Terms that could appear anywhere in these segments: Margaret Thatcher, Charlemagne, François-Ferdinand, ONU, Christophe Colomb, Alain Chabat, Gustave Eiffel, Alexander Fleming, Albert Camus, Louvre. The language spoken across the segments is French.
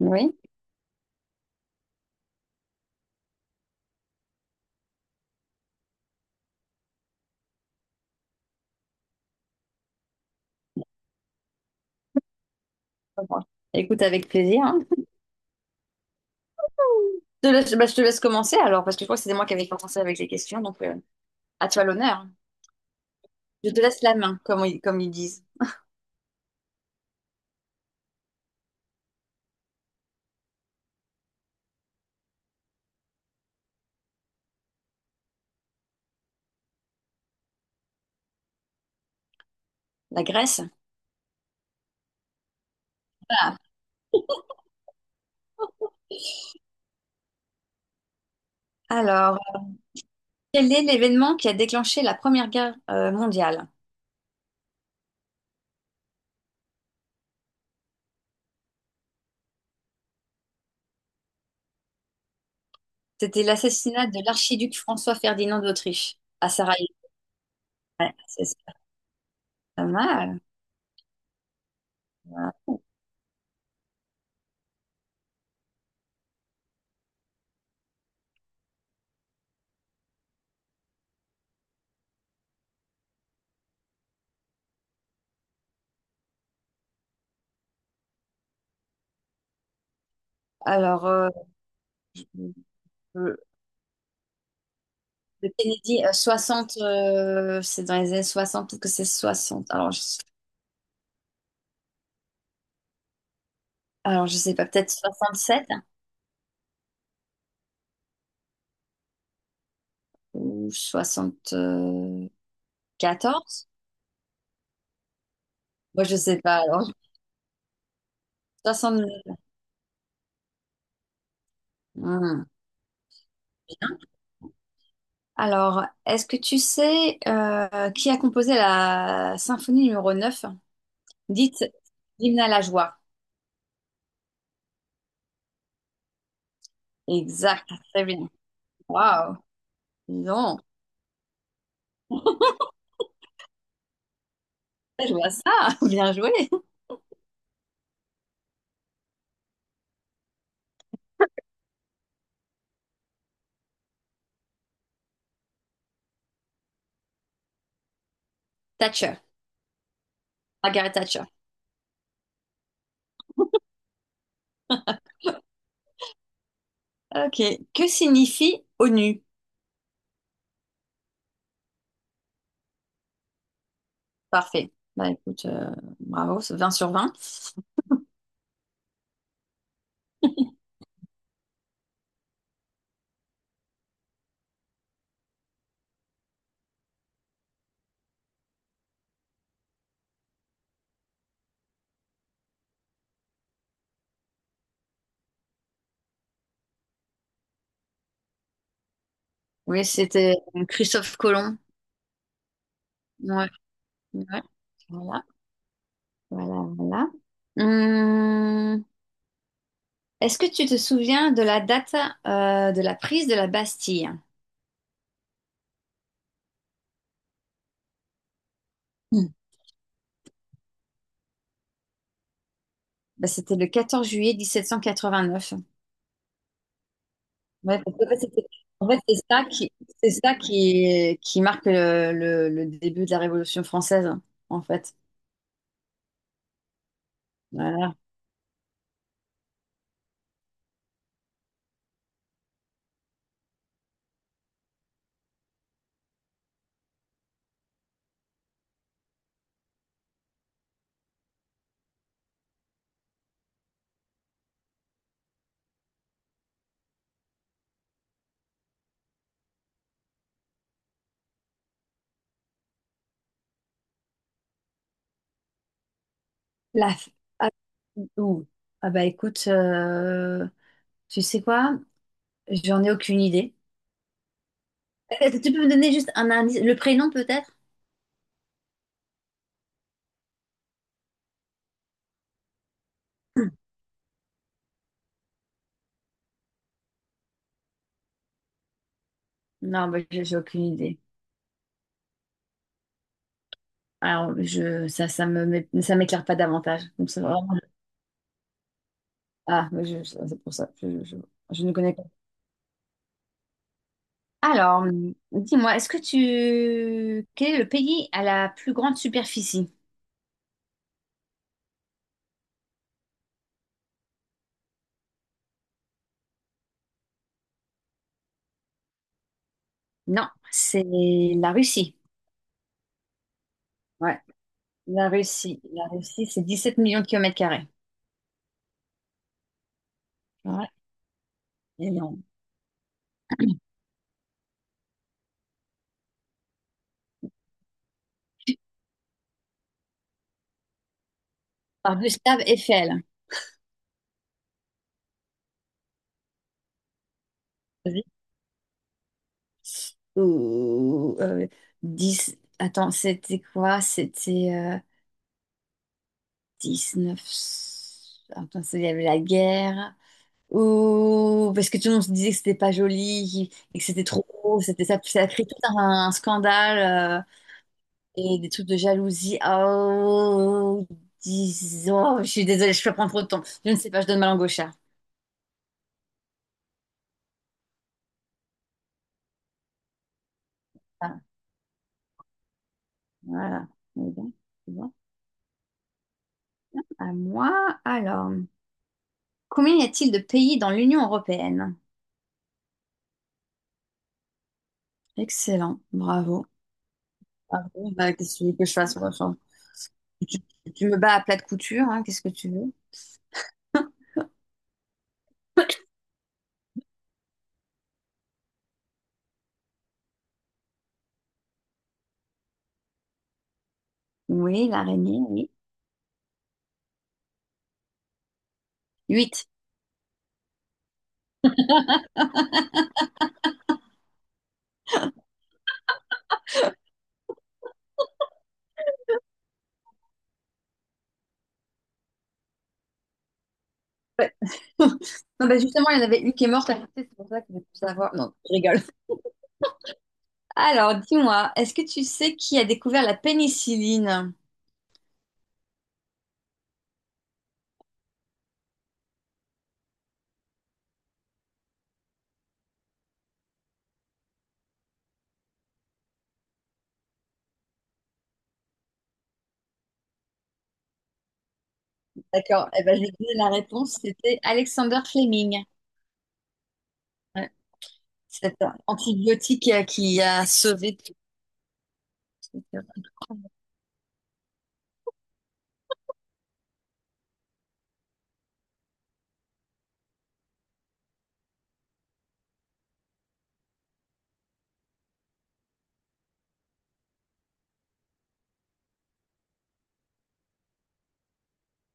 Oui. Bon, écoute avec plaisir, hein. Bah, je te laisse commencer alors, parce que je crois que c'était moi qui avais commencé avec les questions, donc à toi l'honneur. Je te laisse la main, comme ils disent. La Grèce. Voilà. Alors, quel est l'événement qui a déclenché la Première Guerre mondiale? C'était l'assassinat de l'archiduc François-Ferdinand d'Autriche à Sarajevo. Ouais, c'est pas mal. Alors, le le Kennedy, 60, c'est dans les années 60, peut-être que c'est 60. Alors, alors, je sais pas, peut-être 67. Ou 74? Moi, je sais pas. Alors, 60... Hmm, bien. Alors, est-ce que tu sais qui a composé la symphonie numéro 9 dite Hymne à la joie? Exact, très bien. Waouh, dis donc, je vois ça, bien joué. Thatcher, Margaret Thatcher. Ok, que signifie ONU? Parfait. Bah écoute, bravo, c'est 20 sur 20. Oui, c'était Christophe Colomb. Ouais, ouais. Voilà. Voilà, voilà. Hum, est-ce que tu te souviens de la date de la prise de la Bastille? Hmm. Bah, c'était le 14 juillet 1789. Ouais, parce qu'en fait, en fait, c'est ça qui marque le début de la Révolution française, en fait. Voilà. La f- ah, ouh. Ah bah écoute, tu sais quoi? J'en ai aucune idée. Tu peux me donner juste un indice, le prénom peut-être? Non, bah, j'ai aucune idée. Alors, ça m'éclaire pas davantage. Donc, c'est vraiment- Ah, mais c'est pour ça. Je ne connais pas. Alors, dis-moi, est-ce que tu... Quel est le pays à la plus grande superficie? Non, c'est la Russie. Ouais, la Russie. La Russie, c'est 17 millions de kilomètres carrés. Ouais, énorme. Par Gustave Eiffel. Vas-y. Ou, euh, 10... Attends, c'était quoi? C'était neuf. Attends, il y avait la guerre. Ou parce que tout le monde se disait que c'était pas joli et que c'était trop gros, c'était ça, ça a créé tout un scandale et des trucs de jalousie. Oh, je suis désolée, je peux prendre trop de temps. Je ne sais pas, je donne ma langue au chat. Ah, voilà. Mais bon, c'est bon. À moi, alors, combien y a-t-il de pays dans l'Union européenne? Excellent, bravo. Bravo. Bah, qu'est-ce que tu veux que je fasse? Moi, enfin, Tu, tu me bats à plat de couture, hein, qu'est-ce que tu veux? Oui, l'araignée, oui. 8. Ouais. Non, bah justement, il y en avait une qui est morte, c'est pour ça que je veux tout savoir. Non, je rigole. Alors, dis-moi, est-ce que tu sais qui a découvert la pénicilline? D'accord, eh ben, je vais te donner la réponse, c'était Alexander Fleming. Ouais. Cet antibiotique qui a sauvé.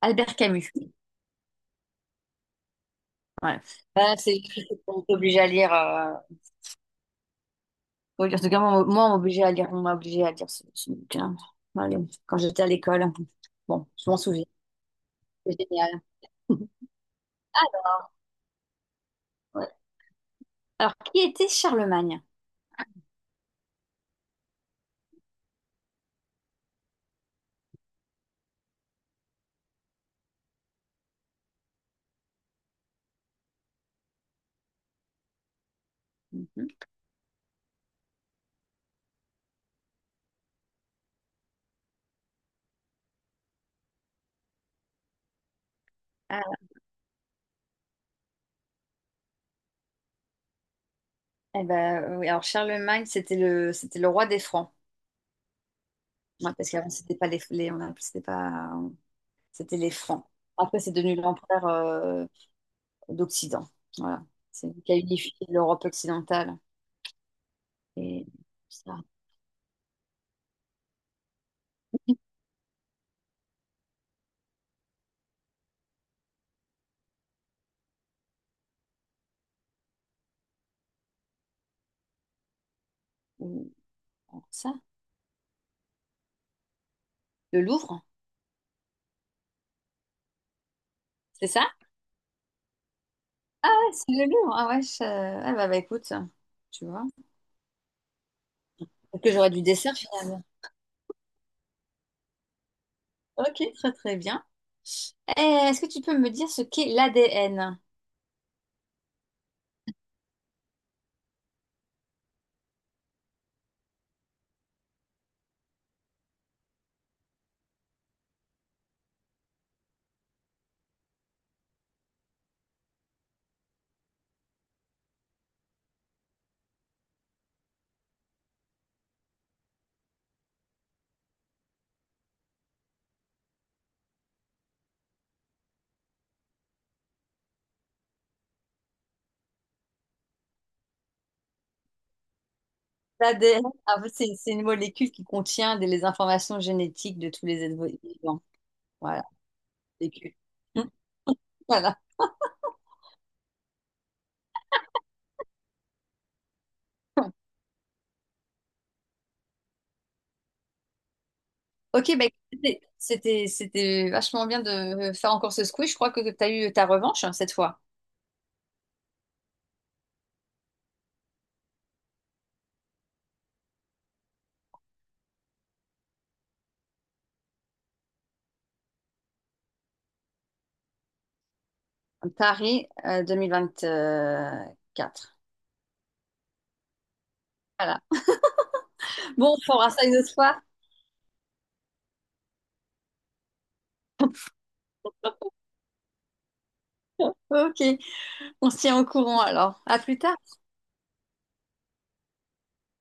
Albert Camus. Ouais. Bah, c'est on est obligé à lire. Oui, en tout cas, on m'a on m'a obligé à lire ce bouquin. Allez, quand j'étais à l'école. Bon, je m'en souviens. C'est génial. Alors, qui était Charlemagne? Mhm. Ah, eh ben, oui, alors Charlemagne, c'était le roi des Francs. Ouais, parce qu'avant, c'était pas c'était les Francs. Après, c'est devenu l'empereur d'Occident. Voilà. C'est lui qui a unifié l'Europe occidentale. Et ça, ou- ça, le Louvre, c'est ça? Ouais, c'est le Louvre. Ah ouais, ah bah, écoute, tu vois. Peut-être que j'aurais du dessert finalement. Ok, très très bien. Eh, est-ce que tu peux me dire ce qu'est l'ADN? L'ADN, ah, c'est une molécule qui contient les informations génétiques de tous les êtres vivants. Voilà, vécu. Voilà. Ok, bah, écoutez, c'était vachement bien de faire encore ce squiz. Je crois que tu as eu ta revanche, hein, cette fois. Paris 2024. Voilà. Bon, on fera ça une autre fois. Ok, on se tient au courant alors. À plus tard.